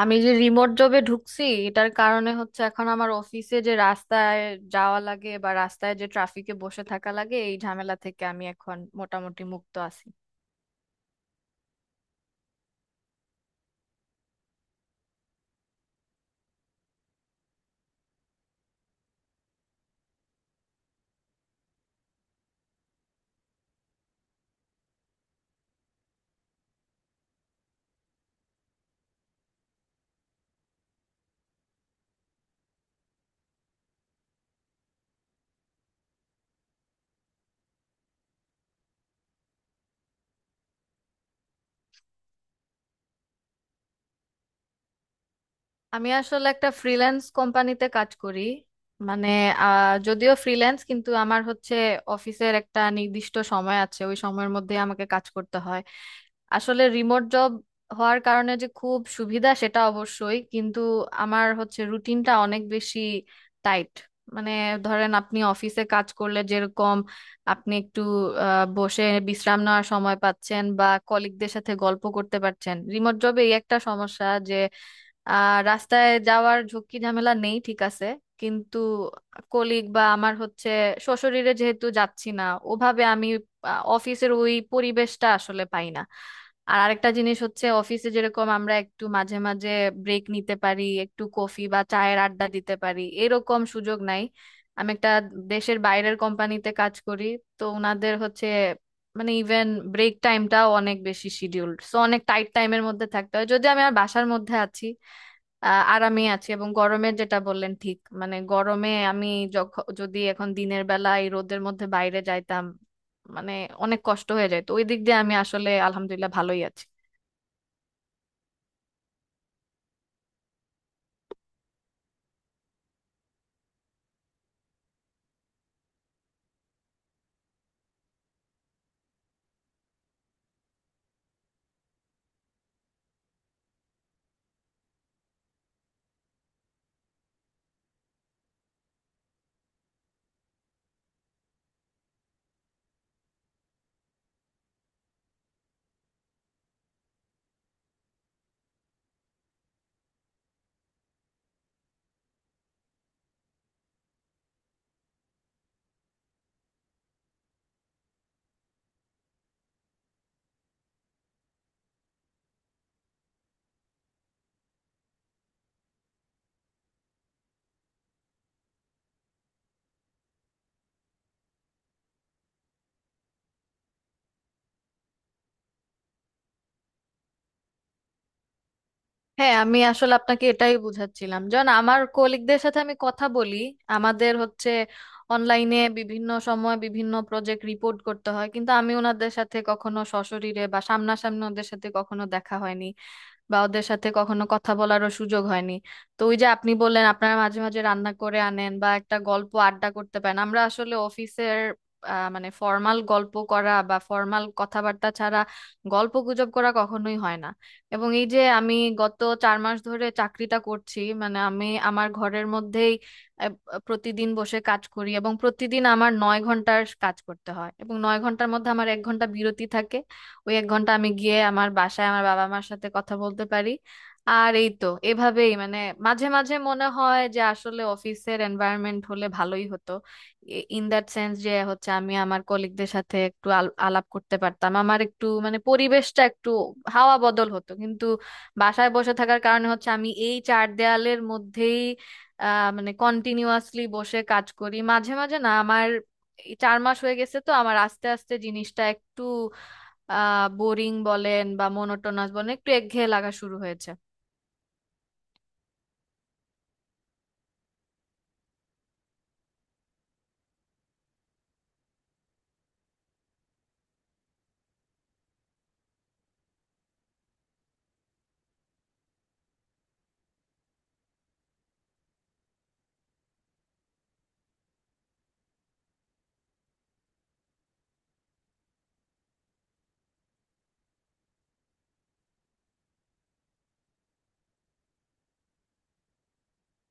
আমি যে রিমোট জবে ঢুকছি এটার কারণে হচ্ছে এখন আমার অফিসে যে রাস্তায় যাওয়া লাগে বা রাস্তায় যে ট্রাফিকে বসে থাকা লাগে এই ঝামেলা থেকে আমি এখন মোটামুটি মুক্ত আছি। আমি আসলে একটা ফ্রিল্যান্স কোম্পানিতে কাজ করি। মানে যদিও ফ্রিল্যান্স কিন্তু আমার হচ্ছে অফিসের একটা নির্দিষ্ট সময় আছে, ওই সময়ের মধ্যে আমাকে কাজ করতে হয়। আসলে রিমোট জব হওয়ার কারণে যে খুব সুবিধা সেটা অবশ্যই, কিন্তু আমার হচ্ছে রুটিনটা অনেক বেশি টাইট। মানে ধরেন আপনি অফিসে কাজ করলে যেরকম আপনি একটু বসে বিশ্রাম নেওয়ার সময় পাচ্ছেন বা কলিগদের সাথে গল্প করতে পারছেন, রিমোট জবে এই একটা সমস্যা যে। আর রাস্তায় যাওয়ার ঝুঁকি ঝামেলা নেই, ঠিক আছে, কিন্তু কলিগ বা আমার হচ্ছে শ্বশুরিরে যেহেতু যাচ্ছি না ওভাবে আমি অফিসের ওই পরিবেশটা আসলে পাই না। আর আরেকটা জিনিস হচ্ছে অফিসে যেরকম আমরা একটু মাঝে মাঝে ব্রেক নিতে পারি, একটু কফি বা চায়ের আড্ডা দিতে পারি, এরকম সুযোগ নাই। আমি একটা দেশের বাইরের কোম্পানিতে কাজ করি। তো ওনাদের হচ্ছে মানে ইভেন ব্রেক টাইমটাও অনেক বেশি শিডিউলড, সো অনেক টাইট টাইমের মধ্যে থাকতে হয়। যদি আমি আর বাসার মধ্যে আছি আরামে আছি, এবং গরমের যেটা বললেন ঠিক, মানে গরমে আমি যখন যদি এখন দিনের বেলা এই রোদের মধ্যে বাইরে যাইতাম মানে অনেক কষ্ট হয়ে যেত, ওই দিক দিয়ে আমি আসলে আলহামদুলিল্লাহ ভালোই আছি। হ্যাঁ আমি আসলে আপনাকে এটাই বুঝাচ্ছিলাম, যখন আমার কলিগদের সাথে আমি কথা বলি আমাদের হচ্ছে অনলাইনে বিভিন্ন সময় বিভিন্ন প্রজেক্ট রিপোর্ট করতে হয়, কিন্তু আমি ওনাদের সাথে কখনো সশরীরে বা সামনাসামনি ওদের সাথে কখনো দেখা হয়নি বা ওদের সাথে কখনো কথা বলারও সুযোগ হয়নি। তো ওই যে আপনি বললেন আপনারা মাঝে মাঝে রান্না করে আনেন বা একটা গল্প আড্ডা করতে পারেন, আমরা আসলে অফিসের মানে ফর্মাল গল্প করা বা ফর্মাল কথাবার্তা ছাড়া গল্প গুজব করা কখনোই হয় না। এবং এই যে আমি গত 4 মাস ধরে চাকরিটা করছি, মানে আমি আমার ঘরের মধ্যেই আহ, প্রতিদিন বসে কাজ করি এবং প্রতিদিন আমার 9 ঘন্টার কাজ করতে হয় এবং 9 ঘন্টার মধ্যে আমার 1 ঘন্টা বিরতি থাকে। ওই 1 ঘন্টা আমি গিয়ে আমার বাসায় আমার বাবা মার সাথে কথা বলতে পারি। আর এই তো এভাবেই, মানে মাঝে মাঝে মনে হয় যে আসলে অফিসের এনভায়রনমেন্ট হলে ভালোই হতো। ইন দ্যাট সেন্স যে হচ্ছে আমি আমার কলিগদের সাথে একটু আলাপ করতে পারতাম, আমার একটু মানে পরিবেশটা একটু হাওয়া বদল হতো, কিন্তু বাসায় বসে থাকার কারণে হচ্ছে আমি এই চার দেয়ালের মধ্যেই মানে কন্টিনিউয়াসলি বসে কাজ করি মাঝে মাঝে না আমার এই 4 মাস হয়ে গেছে, তো আমার আস্তে আস্তে জিনিসটা একটু বোরিং বলেন বা মনোটোনাস বলেন একটু একঘেয়ে লাগা শুরু হয়েছে।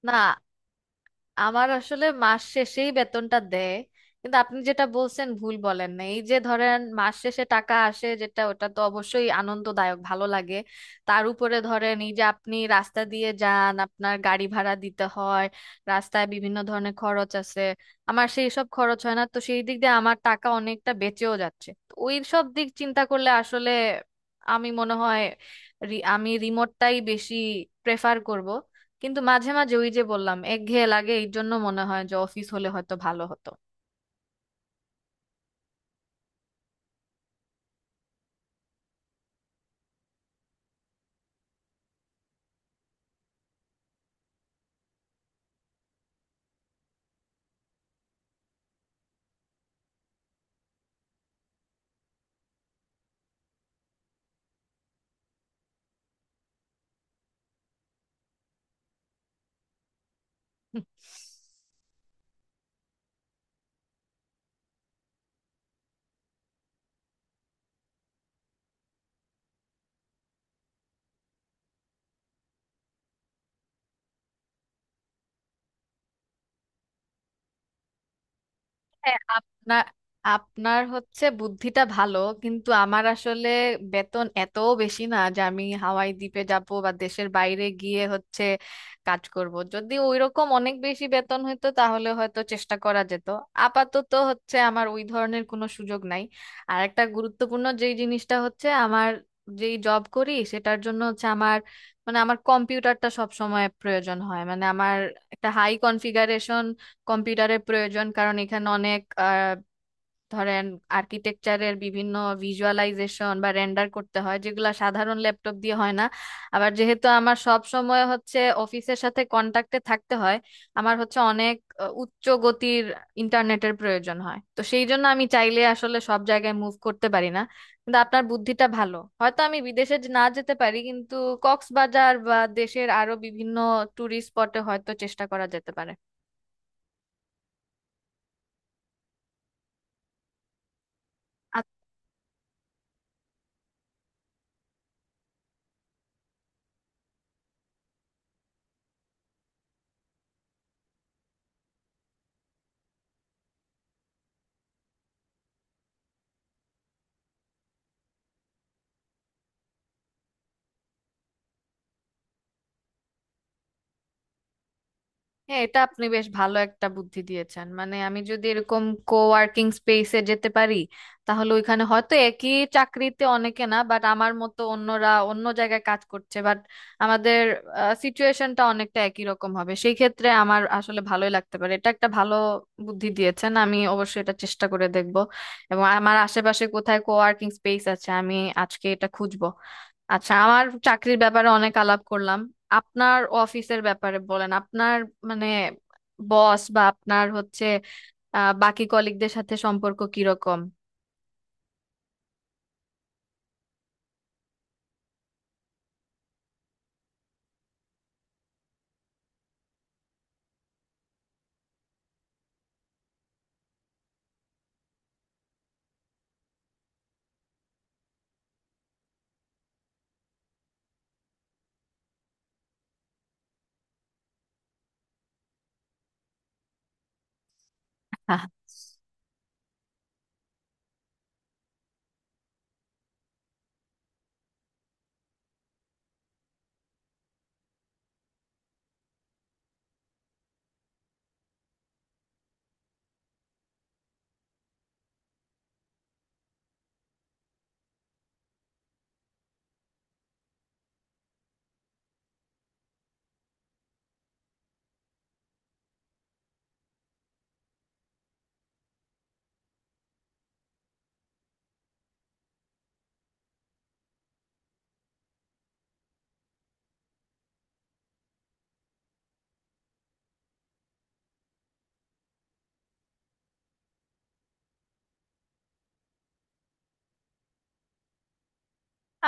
না আমার আসলে মাস শেষেই বেতনটা দেয়, কিন্তু আপনি যেটা বলছেন ভুল বলেন না, এই যে ধরেন মাস শেষে টাকা আসে যেটা ওটা তো অবশ্যই আনন্দদায়ক, ভালো লাগে। তার উপরে ধরেন এই যে আপনি রাস্তা দিয়ে যান আপনার গাড়ি ভাড়া দিতে হয়, রাস্তায় বিভিন্ন ধরনের খরচ আছে, আমার সেই সব খরচ হয় না, তো সেই দিক দিয়ে আমার টাকা অনেকটা বেঁচেও যাচ্ছে। তো ওই সব দিক চিন্তা করলে আসলে আমি মনে হয় আমি রিমোটটাই বেশি প্রেফার করব, কিন্তু মাঝে মাঝে ওই যে বললাম একঘেয়ে লাগে এই জন্য মনে হয় যে অফিস হলে হয়তো ভালো হতো। হ্যাঁ আপনার আপনার হচ্ছে বুদ্ধিটা ভালো, কিন্তু আমার আসলে বেতন এত বেশি না যে আমি হাওয়াই দ্বীপে যাব বা দেশের বাইরে গিয়ে হচ্ছে কাজ করব। যদি ওইরকম অনেক বেশি বেতন হতো তাহলে হয়তো চেষ্টা করা যেত। আপাতত হচ্ছে আমার ওই ধরনের কোনো সুযোগ নাই। আর একটা গুরুত্বপূর্ণ যেই জিনিসটা হচ্ছে আমার যেই জব করি সেটার জন্য হচ্ছে আমার, মানে আমার কম্পিউটারটা সব সময় প্রয়োজন হয়, মানে আমার একটা হাই কনফিগারেশন কম্পিউটারের প্রয়োজন কারণ এখানে অনেক আহ, ধরেন আর্কিটেকচারের বিভিন্ন ভিজুয়ালাইজেশন বা রেন্ডার করতে হয় যেগুলো সাধারণ ল্যাপটপ দিয়ে হয় না। আবার যেহেতু আমার সব সময় হচ্ছে অফিসের সাথে কন্টাক্টে থাকতে হয় আমার হচ্ছে অনেক উচ্চ গতির ইন্টারনেটের প্রয়োজন হয়, তো সেই জন্য আমি চাইলে আসলে সব জায়গায় মুভ করতে পারি না। কিন্তু আপনার বুদ্ধিটা ভালো, হয়তো আমি বিদেশে না যেতে পারি কিন্তু কক্সবাজার বা দেশের আরো বিভিন্ন টুরিস্ট স্পটে হয়তো চেষ্টা করা যেতে পারে। হ্যাঁ এটা আপনি বেশ ভালো একটা বুদ্ধি দিয়েছেন, মানে আমি যদি এরকম কোওয়ার্কিং স্পেসে যেতে পারি তাহলে ওইখানে হয়তো একই চাকরিতে অনেকে না বাট আমার মতো অন্যরা অন্য জায়গায় কাজ করছে, বাট আমাদের সিচুয়েশনটা অনেকটা একই রকম হবে। সেই ক্ষেত্রে আমার আসলে ভালোই লাগতে পারে, এটা একটা ভালো বুদ্ধি দিয়েছেন, আমি অবশ্যই এটা চেষ্টা করে দেখব এবং আমার আশেপাশে কোথায় কোওয়ার্কিং স্পেস আছে আমি আজকে এটা খুঁজবো। আচ্ছা আমার চাকরির ব্যাপারে অনেক আলাপ করলাম, আপনার অফিসের ব্যাপারে বলেন। আপনার মানে বস বা আপনার হচ্ছে বাকি কলিগদের সাথে সম্পর্ক কিরকম?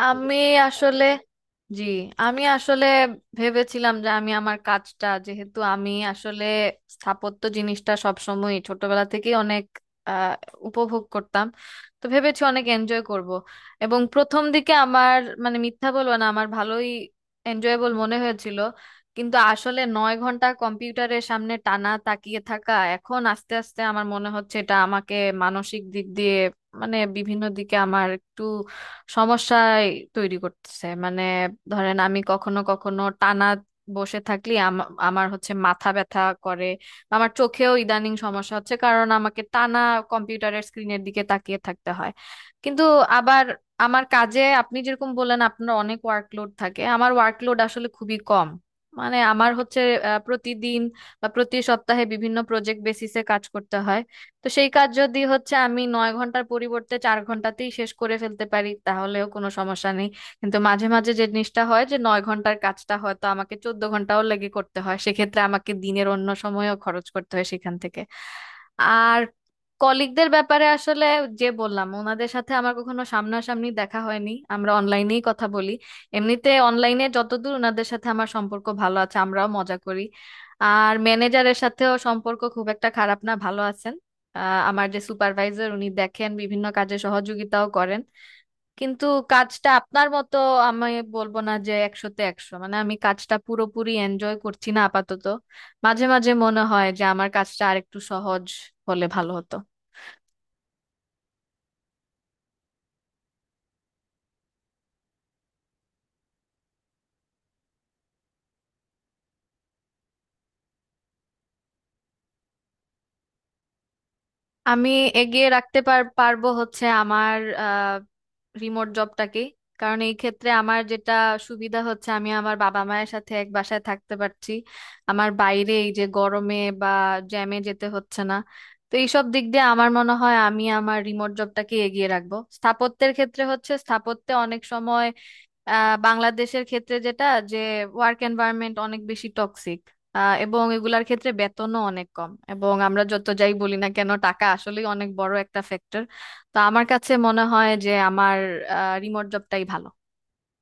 আমি আসলে জি আমি আসলে ভেবেছিলাম যে আমি আমার কাজটা, যেহেতু আমি আসলে স্থাপত্য জিনিসটা সবসময় ছোটবেলা থেকেই অনেক আহ, উপভোগ করতাম, তো ভেবেছি অনেক এনজয় করব এবং প্রথম দিকে আমার মানে মিথ্যা বলবো না আমার ভালোই এনজয়েবল মনে হয়েছিল। কিন্তু আসলে 9 ঘন্টা কম্পিউটারের সামনে টানা তাকিয়ে থাকা এখন আস্তে আস্তে আমার মনে হচ্ছে এটা আমাকে মানসিক দিক দিয়ে মানে বিভিন্ন দিকে আমার একটু সমস্যায় তৈরি করতেছে। মানে ধরেন আমি কখনো কখনো টানা বসে থাকলে আমার হচ্ছে মাথা ব্যথা করে, আমার চোখেও ইদানিং সমস্যা হচ্ছে কারণ আমাকে টানা কম্পিউটারের স্ক্রিনের দিকে তাকিয়ে থাকতে হয়। কিন্তু আবার আমার কাজে আপনি যেরকম বললেন আপনার অনেক ওয়ার্কলোড থাকে, আমার ওয়ার্কলোড আসলে খুবই কম। মানে আমার হচ্ছে প্রতিদিন বা প্রতি সপ্তাহে বিভিন্ন প্রজেক্ট বেসিসে কাজ করতে হয়, তো সেই কাজ যদি হচ্ছে আমি 9 ঘন্টার পরিবর্তে 4 ঘন্টাতেই শেষ করে ফেলতে পারি তাহলেও কোনো সমস্যা নেই। কিন্তু মাঝে মাঝে যে জিনিসটা হয় যে 9 ঘন্টার কাজটা হয়তো আমাকে 14 ঘন্টাও লেগে করতে হয় সেক্ষেত্রে আমাকে দিনের অন্য সময়ও খরচ করতে হয় সেখান থেকে। আর কলিগদের ব্যাপারে আসলে যে বললাম ওনাদের সাথে আমার কখনো সামনাসামনি দেখা হয়নি আমরা অনলাইনেই কথা বলি, এমনিতে অনলাইনে যতদূর ওনাদের সাথে আমার সম্পর্ক ভালো আছে, আমরাও মজা করি। আর ম্যানেজারের সাথেও সম্পর্ক খুব একটা খারাপ না, ভালো আছেন। আহ, আমার যে সুপারভাইজার উনি দেখেন বিভিন্ন কাজে সহযোগিতাও করেন, কিন্তু কাজটা আপনার মতো আমি বলবো না যে 100তে 100, মানে আমি কাজটা পুরোপুরি এনজয় করছি না আপাতত। মাঝে মাঝে মনে হয় যে আমার কাজটা আরেকটু সহজ হলে ভালো হতো। আমি এগিয়ে রাখতে পারবো হচ্ছে আমার রিমোট জবটাকে, কারণ এই ক্ষেত্রে আমার যেটা সুবিধা হচ্ছে আমি আমার বাবা মায়ের সাথে এক বাসায় থাকতে পারছি, আমার বাইরে এই যে গরমে বা জ্যামে যেতে হচ্ছে না, তো এইসব দিক দিয়ে আমার মনে হয় আমি আমার রিমোট জবটাকে এগিয়ে রাখবো। স্থাপত্যের ক্ষেত্রে হচ্ছে স্থাপত্যে অনেক সময় বাংলাদেশের ক্ষেত্রে যেটা যে ওয়ার্ক এনভায়রনমেন্ট অনেক বেশি টক্সিক এবং এগুলার ক্ষেত্রে বেতনও অনেক কম, এবং আমরা যত যাই বলি না কেন টাকা আসলেই অনেক বড় একটা ফ্যাক্টর। তো আমার কাছে মনে হয় যে আমার রিমোট জবটাই ভালো।